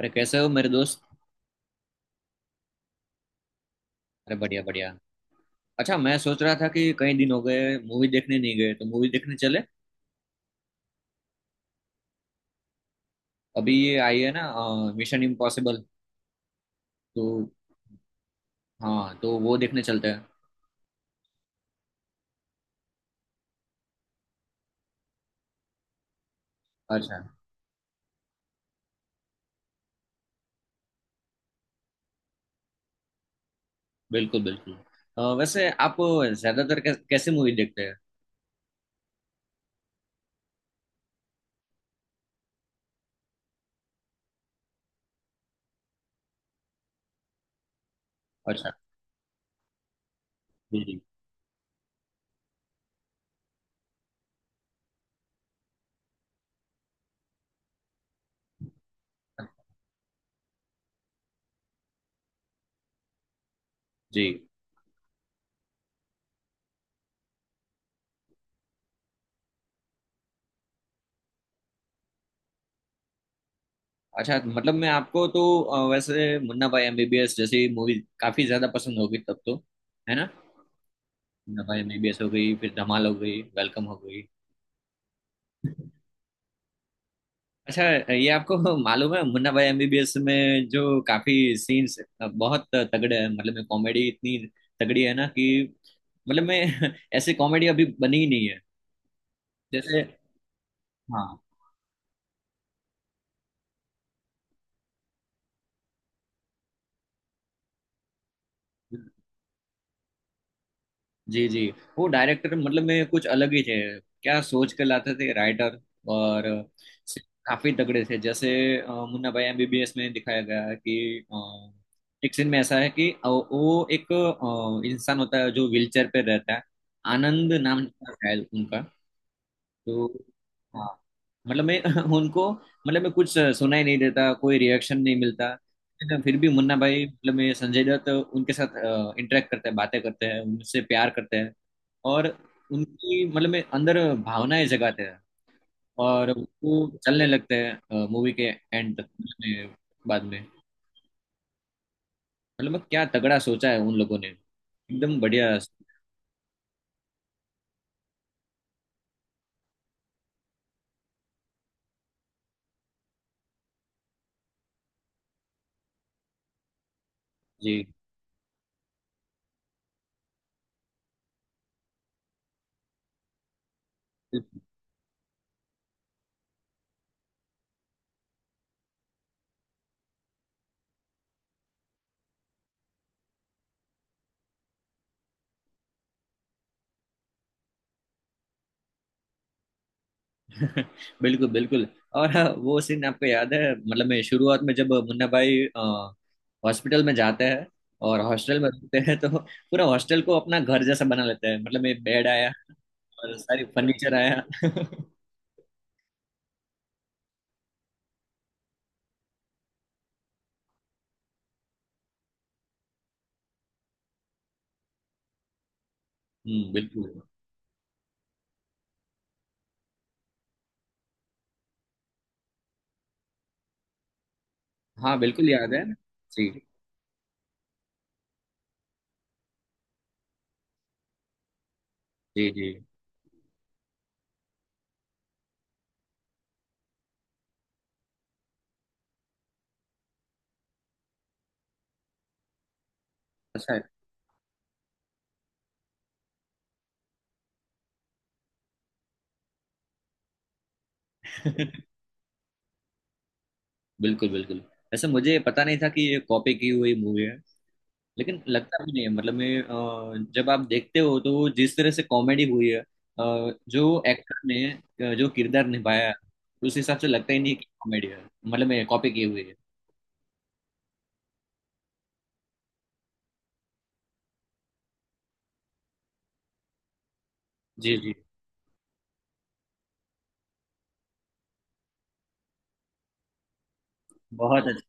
अरे कैसे हो मेरे दोस्त। अरे बढ़िया बढ़िया। अच्छा, मैं सोच रहा था कि कई दिन हो गए मूवी देखने नहीं गए, तो मूवी देखने चले। अभी ये आई है ना, मिशन इम्पॉसिबल, तो। हाँ, तो वो देखने चलते हैं। अच्छा, बिल्कुल बिल्कुल। वैसे आप ज्यादातर कैसे मूवी देखते हैं? अच्छा। जी जी। जी। अच्छा, मतलब मैं आपको तो वैसे मुन्ना भाई एमबीबीएस जैसी मूवी काफी ज्यादा पसंद होगी तब तो, है ना? मुन्ना भाई एमबीबीएस हो गई, फिर धमाल हो गई, वेलकम हो गई। अच्छा, ये आपको मालूम है मुन्ना भाई एमबीबीएस में जो काफी सीन्स बहुत तगड़े हैं, मतलब में कॉमेडी इतनी तगड़ी है ना कि मतलब में ऐसी कॉमेडी अभी बनी ही नहीं है जैसे। हाँ। जी जी। वो डायरेक्टर मतलब में कुछ अलग ही थे, क्या सोच के लाते थे राइटर, और काफी तगड़े थे जैसे। मुन्ना भाई एमबीबीएस में दिखाया गया है कि एक सीन में ऐसा है कि वो एक इंसान होता है जो व्हीलचेयर पे रहता है। आनंद नाम था शायद उनका, तो। हाँ। मतलब मैं उनको मतलब मैं कुछ सुनाई नहीं देता, कोई रिएक्शन नहीं मिलता। लेकिन फिर भी मुन्ना भाई मतलब मैं संजय दत्त उनके साथ इंटरेक्ट करते हैं, बातें करते हैं, उनसे प्यार करते हैं, और उनकी मतलब में अंदर भावनाएं जगाते हैं, और वो चलने लगते हैं मूवी के एंड में, बाद में। मतलब मैं क्या तगड़ा सोचा है उन लोगों ने, एकदम बढ़िया। जी बिल्कुल बिल्कुल। और हाँ, वो सीन आपको याद है मतलब मैं शुरुआत में जब मुन्ना भाई हॉस्पिटल में जाते हैं और हॉस्टल में रहते हैं, तो पूरा हॉस्टल को अपना घर जैसा बना लेते हैं, मतलब एक बेड आया और सारी फर्नीचर आया हम्म। बिल्कुल। हाँ बिल्कुल याद है। जी जी। जी, ऐसा है बिल्कुल बिल्कुल। वैसे मुझे पता नहीं था कि ये कॉपी की हुई मूवी है, लेकिन लगता भी नहीं है, मतलब मैं जब आप देखते हो तो जिस तरह से कॉमेडी हुई है, जो एक्टर ने जो किरदार निभाया है, उस हिसाब से लगता ही नहीं कि कॉमेडी है, मतलब मैं कॉपी की हुई है। जी जी। बहुत अच्छी।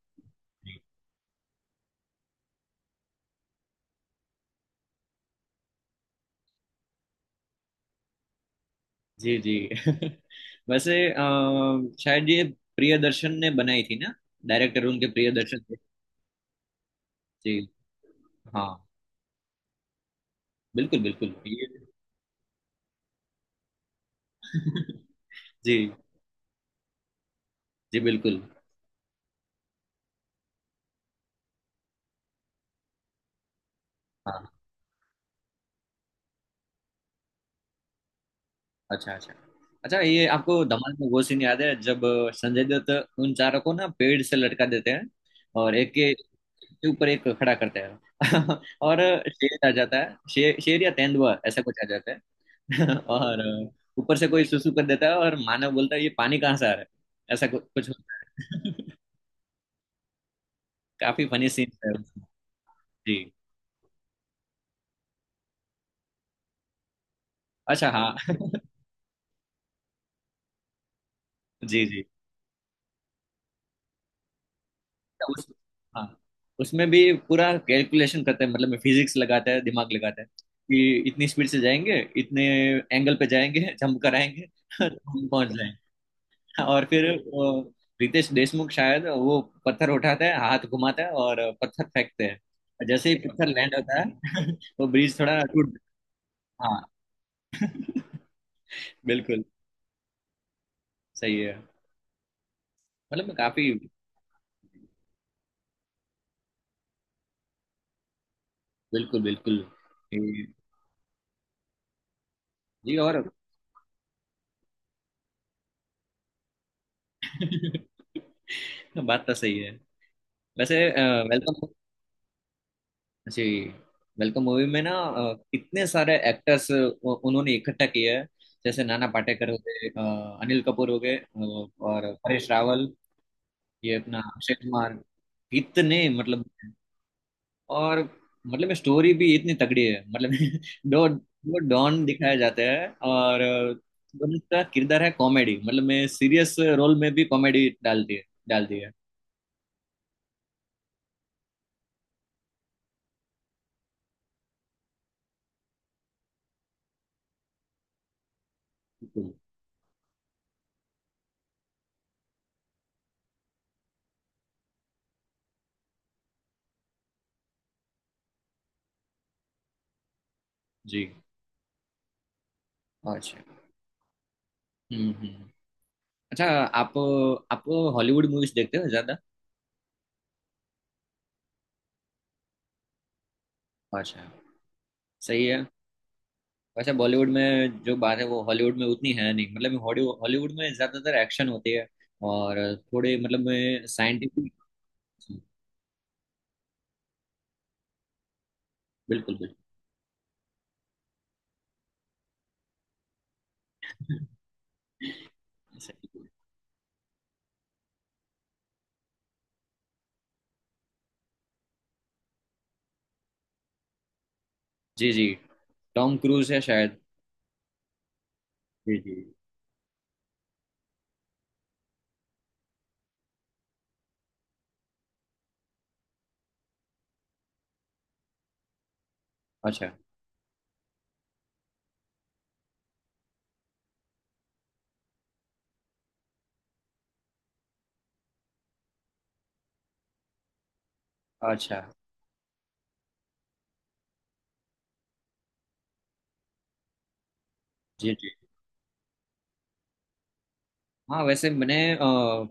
जी जी वैसे शायद ये प्रियदर्शन ने बनाई थी ना, डायरेक्टर उनके प्रियदर्शन थे। जी। हाँ बिल्कुल बिल्कुल ये जी जी बिल्कुल। हाँ। अच्छा अच्छा। अच्छा, ये आपको धमाल में वो सीन याद है जब संजय दत्त उन चारों को ना पेड़ से लटका देते हैं, और एक के ऊपर एक खड़ा करते हैं और शेर आ जाता है, शेर शेर या तेंदुआ, ऐसा कुछ आ जाता है और ऊपर से कोई सुसु कर देता है और मानव बोलता है ये पानी कहाँ से आ रहा है, ऐसा कुछ कुछ होता है काफी फनी सीन है उसमें। जी। अच्छा हाँ जी जी। तो उस, हाँ, उसमें भी पूरा कैलकुलेशन करते हैं, मतलब फिजिक्स लगाता है, दिमाग लगाता है कि इतनी स्पीड से जाएंगे, इतने एंगल पे जाएंगे, जंप कराएंगे तो हम पहुंच जाएंगे। और फिर वो रितेश देशमुख शायद, वो पत्थर उठाता है, हाथ घुमाता है, और पत्थर फेंकते हैं। और जैसे ही पत्थर लैंड होता है वो ब्रिज थोड़ा टूट। हाँ बिल्कुल। सही है, मतलब काफी। बिल्कुल बिल्कुल। जी जी, और बात तो सही है। वैसे वेलकम। जी। वेलकम मूवी में ना कितने सारे एक्टर्स उन्होंने इकट्ठा किया है, जैसे नाना पाटेकर हो गए, अनिल कपूर हो गए, और परेश रावल, ये अपना अक्षय कुमार, इतने मतलब। और मतलब स्टोरी भी इतनी तगड़ी है, मतलब दो दो डॉन दिखाए जाते हैं, और उनका किरदार है कॉमेडी, मतलब मैं सीरियस रोल में भी कॉमेडी डाल दी है, डाल दी है। बिल्कुल। जी। अच्छा हम्म। अच्छा, आप आप हॉलीवुड मूवीज देखते हो? अच्छा सही है। वैसे बॉलीवुड में जो बात है वो हॉलीवुड में उतनी है नहीं, मतलब हॉलीवुड हॉलीवुड में ज्यादातर एक्शन होती है, और थोड़े मतलब में साइंटिफिक। बिल्कुल बिल्कुल सही। जी जी। टॉम क्रूज है शायद। जी जी। अच्छा अच्छा। जी जी। हाँ वैसे मैंने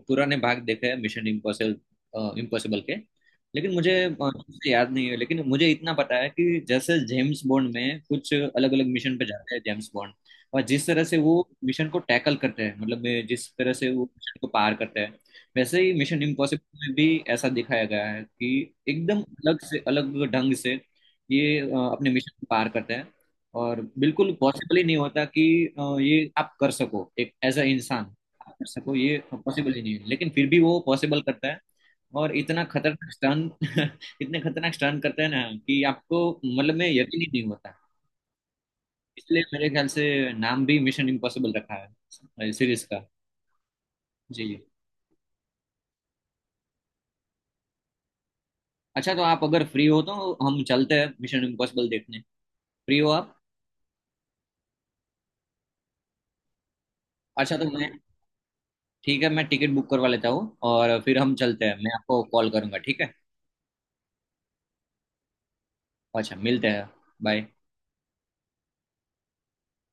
पुराने भाग देखे हैं मिशन इम्पॉसिबल इम्पॉसिबल के, लेकिन मुझे ठीक से याद नहीं है। लेकिन मुझे इतना पता है कि जैसे जेम्स बॉन्ड में कुछ अलग अलग मिशन पे जाते हैं जेम्स बॉन्ड, और जिस तरह से वो मिशन को टैकल करते हैं, मतलब जिस तरह से वो मिशन को पार करते हैं, वैसे ही मिशन इम्पॉसिबल में भी ऐसा दिखाया गया है कि एकदम अलग से अलग ढंग से ये अपने मिशन को पार करते हैं, और बिल्कुल पॉसिबल ही नहीं होता कि ये आप कर सको, एक एज अ इंसान कर सको ये, पॉसिबल ही नहीं है, लेकिन फिर भी वो पॉसिबल करता है, और इतना खतरनाक स्टन इतने खतरनाक स्टन करता है ना कि आपको मतलब में यकीन ही नहीं होता। इसलिए मेरे ख्याल से नाम भी मिशन इम्पॉसिबल रखा है सीरीज का। जी। अच्छा तो आप अगर फ्री हो तो हम चलते हैं मिशन इम्पॉसिबल देखने, फ्री हो आप? अच्छा तो मैं, ठीक है, मैं टिकट बुक करवा लेता हूँ और फिर हम चलते हैं। मैं आपको कॉल करूंगा, ठीक है? अच्छा मिलते हैं। बाय।